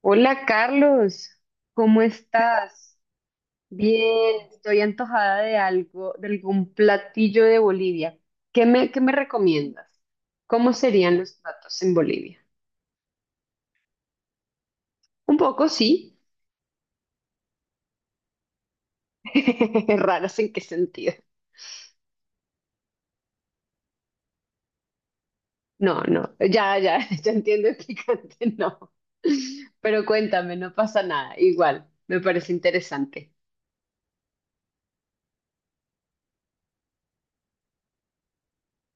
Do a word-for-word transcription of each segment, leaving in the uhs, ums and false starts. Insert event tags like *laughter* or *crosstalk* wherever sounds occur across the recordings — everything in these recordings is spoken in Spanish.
Hola Carlos, ¿cómo estás? Bien, estoy antojada de algo, de algún platillo de Bolivia. ¿Qué me, qué me recomiendas? ¿Cómo serían los platos en Bolivia? Un poco, sí. *laughs* ¿Raros en qué sentido? No, no, ya, ya, *laughs* ya entiendo el picante, *laughs* no. Pero cuéntame, no pasa nada, igual, me parece interesante.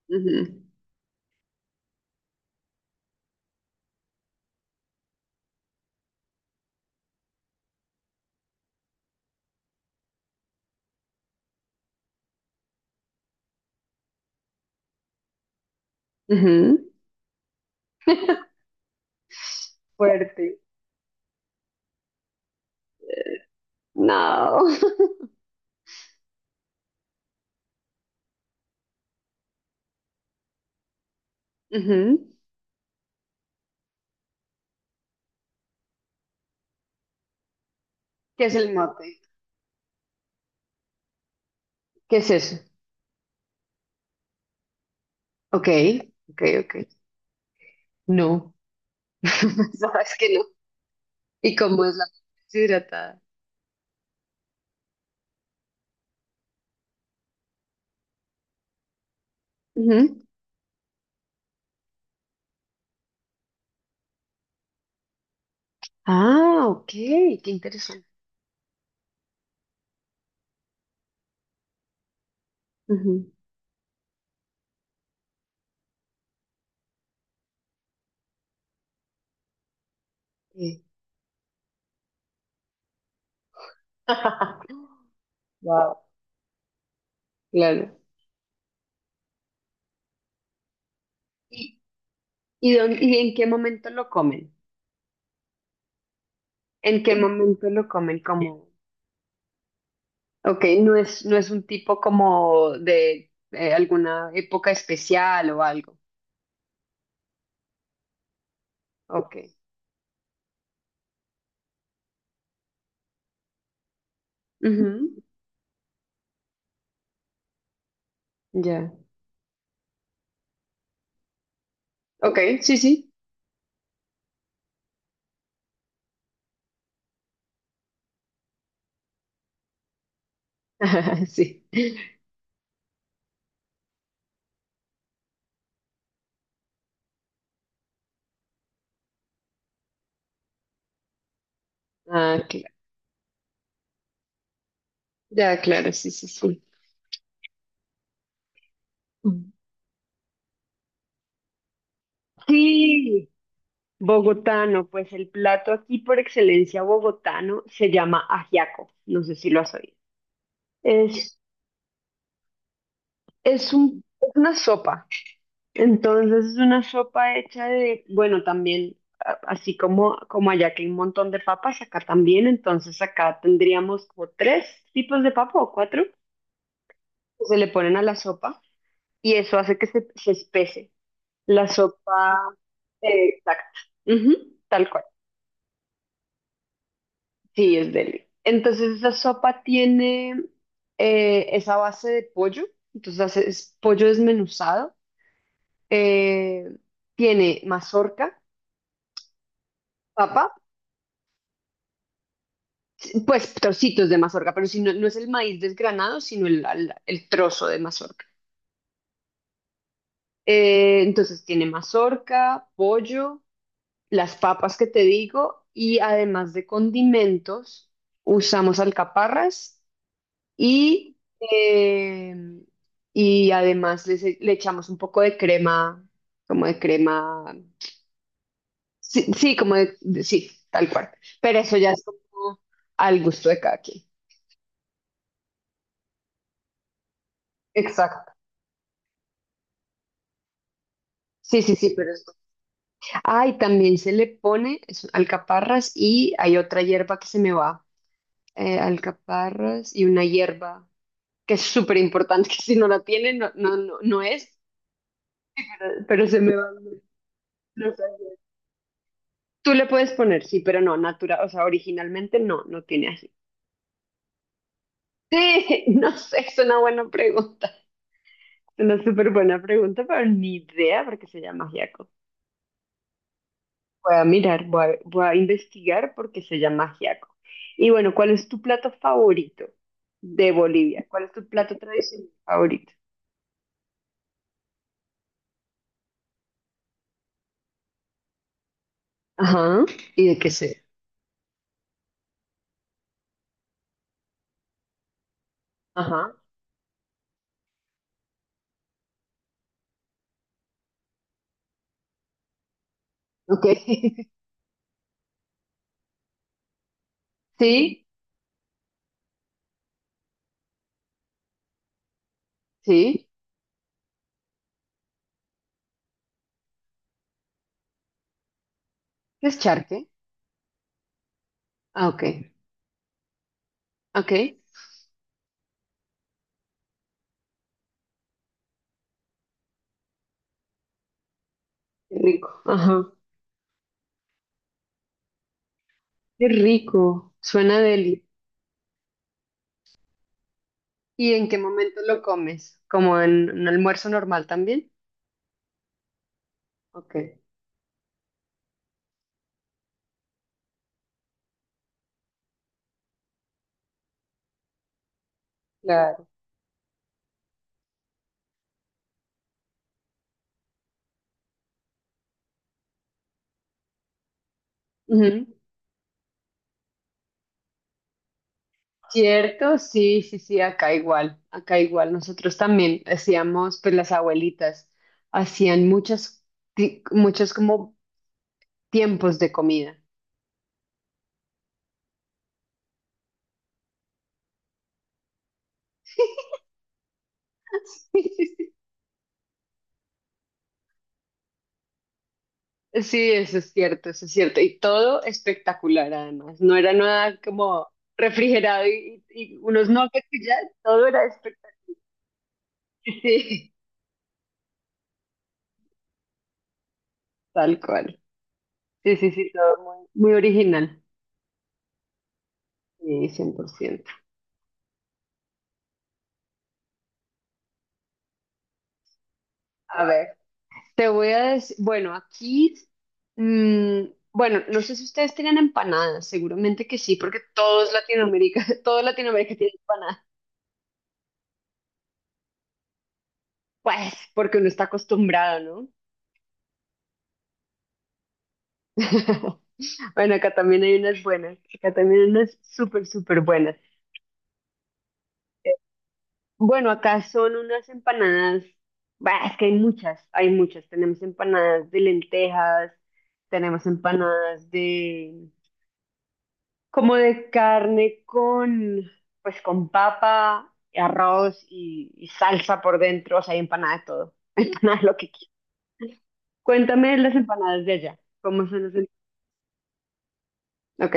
Ujú, ujú. Fuerte. No. *laughs* Ujú. ¿Qué es el mote? ¿Qué es eso? Ok, ok, ok. No, *laughs* sabes que no. ¿Y cómo es la deshidratada? Ujú. Ah, ok, qué interesante. Ujú, sí. *laughs* Wow, claro. ¿Y, y, dónde- y en qué momento lo comen? ¿En qué momento lo comen? Como, ok, no es, no es un tipo como de eh, alguna época especial o algo. Ok. Ujú, ya. Ok, sí, sí. *laughs* Sí. Ah, claro. Ya, claro, sí, sí, sí. Sí, bogotano, pues el plato aquí por excelencia bogotano se llama ajiaco, no sé si lo has oído. Es, es un, es una sopa, entonces es una sopa hecha de, bueno, también, a- así como, como allá que hay un montón de papas, acá también, entonces acá tendríamos como tres tipos de papa o cuatro que se le ponen a la sopa y eso hace que se, se espese. La sopa, eh, exacto, ujú, tal cual. Sí, es deli. Entonces esa sopa tiene eh, esa base de pollo, entonces hace- es pollo desmenuzado, eh, tiene mazorca, papa, pues trocitos de mazorca, pero si no, no es el maíz desgranado, sino el, al- el trozo de mazorca. Eh, entonces tiene mazorca, pollo, las papas que te digo y además de condimentos usamos alcaparras Y, eh, y además les e- le, echamos un poco de crema, como de crema, sí, sí, como de, de- sí, tal cual. Pero eso ya es como al gusto de cada quien. Exacto. Sí, sí, sí, pero es... Ah, y también se le pone es- alcaparras y hay otra hierba que se me va. eh, alcaparras y una hierba que es súper importante, *laughs* que si no la tiene, no, no, no, no es, pero se me va. Tú le puedes poner, sí, pero no, natural, o sea, originalmente no, no tiene así. Sí, *laughs* no sé, es una buena pregunta. Es una súper buena pregunta, pero ni idea por qué se llama ajiaco. Voy a mirar, voy a, voy a investigar por qué se llama ajiaco. Y bueno, ¿cuál es tu plato favorito de Bolivia? ¿Cuál es tu plato tradicional favorito? Ajá, ¿y de qué se? Ajá, ok. *laughs* Sí, sí, ¿qué es charque? Ah, ok, ok. Qué rico, ajá, qué rico, suena deli. ¿Y en qué momento lo comes? ¿Como en un almuerzo normal también? Ok, claro. Ujú. Cierto, sí, sí, sí, acá igual, acá igual. Nosotros también hacíamos, pues las abuelitas hacían muchas, ti- muchos como tiempos de comida. Sí, eso es cierto, eso es cierto. Y todo espectacular además. No era nada como refrigerado y, y unos nuggets y ya, todo era espectacular. *laughs* Sí, tal cual. Sí, sí, sí, todo muy, muy original. Sí, cien por ciento. A ver, te voy a decir, bueno, aquí, mm, bueno, no sé si ustedes tengan empanadas, seguramente que sí, porque todos Latinoamérica, *laughs* todo Latinoamérica tiene empanadas. Pues, porque uno está acostumbrado, ¿no? *laughs* Bueno, acá también hay unas buenas, acá también hay unas súper, súper buenas. Bueno, acá son unas empanadas, bah, es que hay muchas, hay muchas. Tenemos empanadas de lentejas, tenemos empanadas de, como de carne con, pues con papa, arroz y, y salsa por dentro, o sea, hay empanada de todo, *laughs* empanada de lo que quieras. Cuéntame las empanadas de allá, ¿cómo son las empanadas? Ok,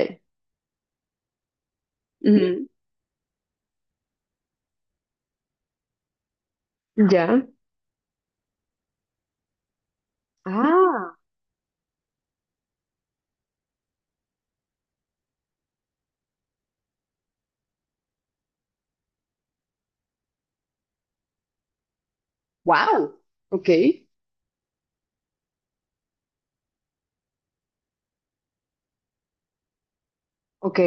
ujú, ya. Ah, wow, ok, ok,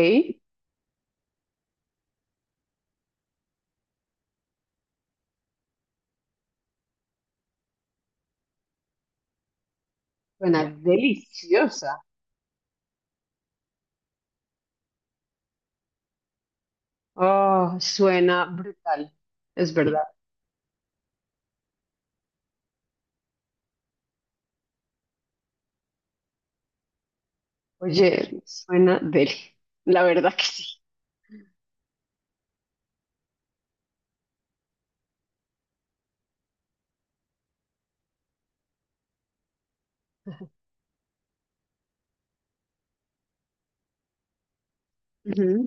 suena deliciosa. Oh, suena brutal, es verdad. Oye, suena deli, la verdad que sí. Ujú,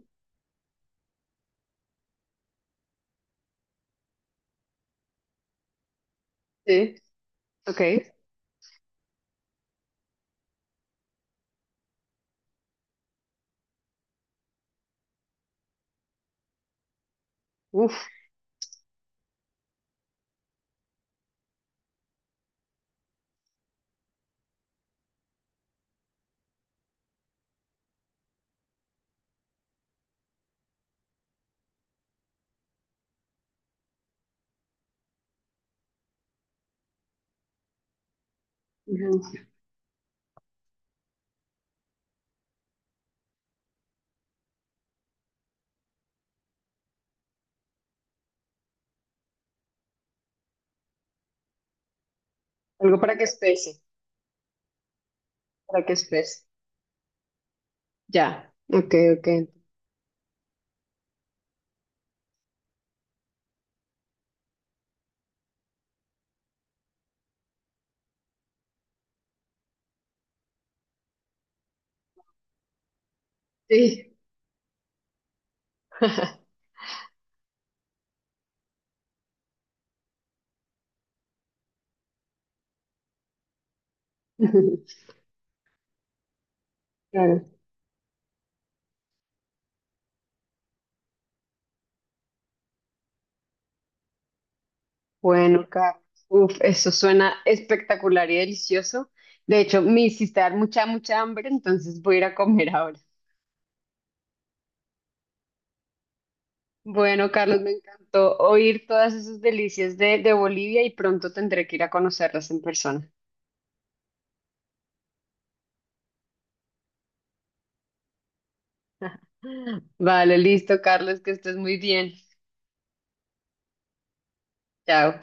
sí, ok, uf, ujú. Algo para que espese. Para que estés. Ya, ok, ok. Sí. *laughs* Claro. Bueno, Carlos. Uf, eso suena espectacular y delicioso. De hecho, me hiciste dar mucha, mucha hambre, entonces voy a ir a comer ahora. Bueno, Carlos, me encantó oír todas esas delicias de, de Bolivia y pronto tendré que ir a conocerlas en persona. *laughs* Vale, listo, Carlos, que estés muy bien. Chao.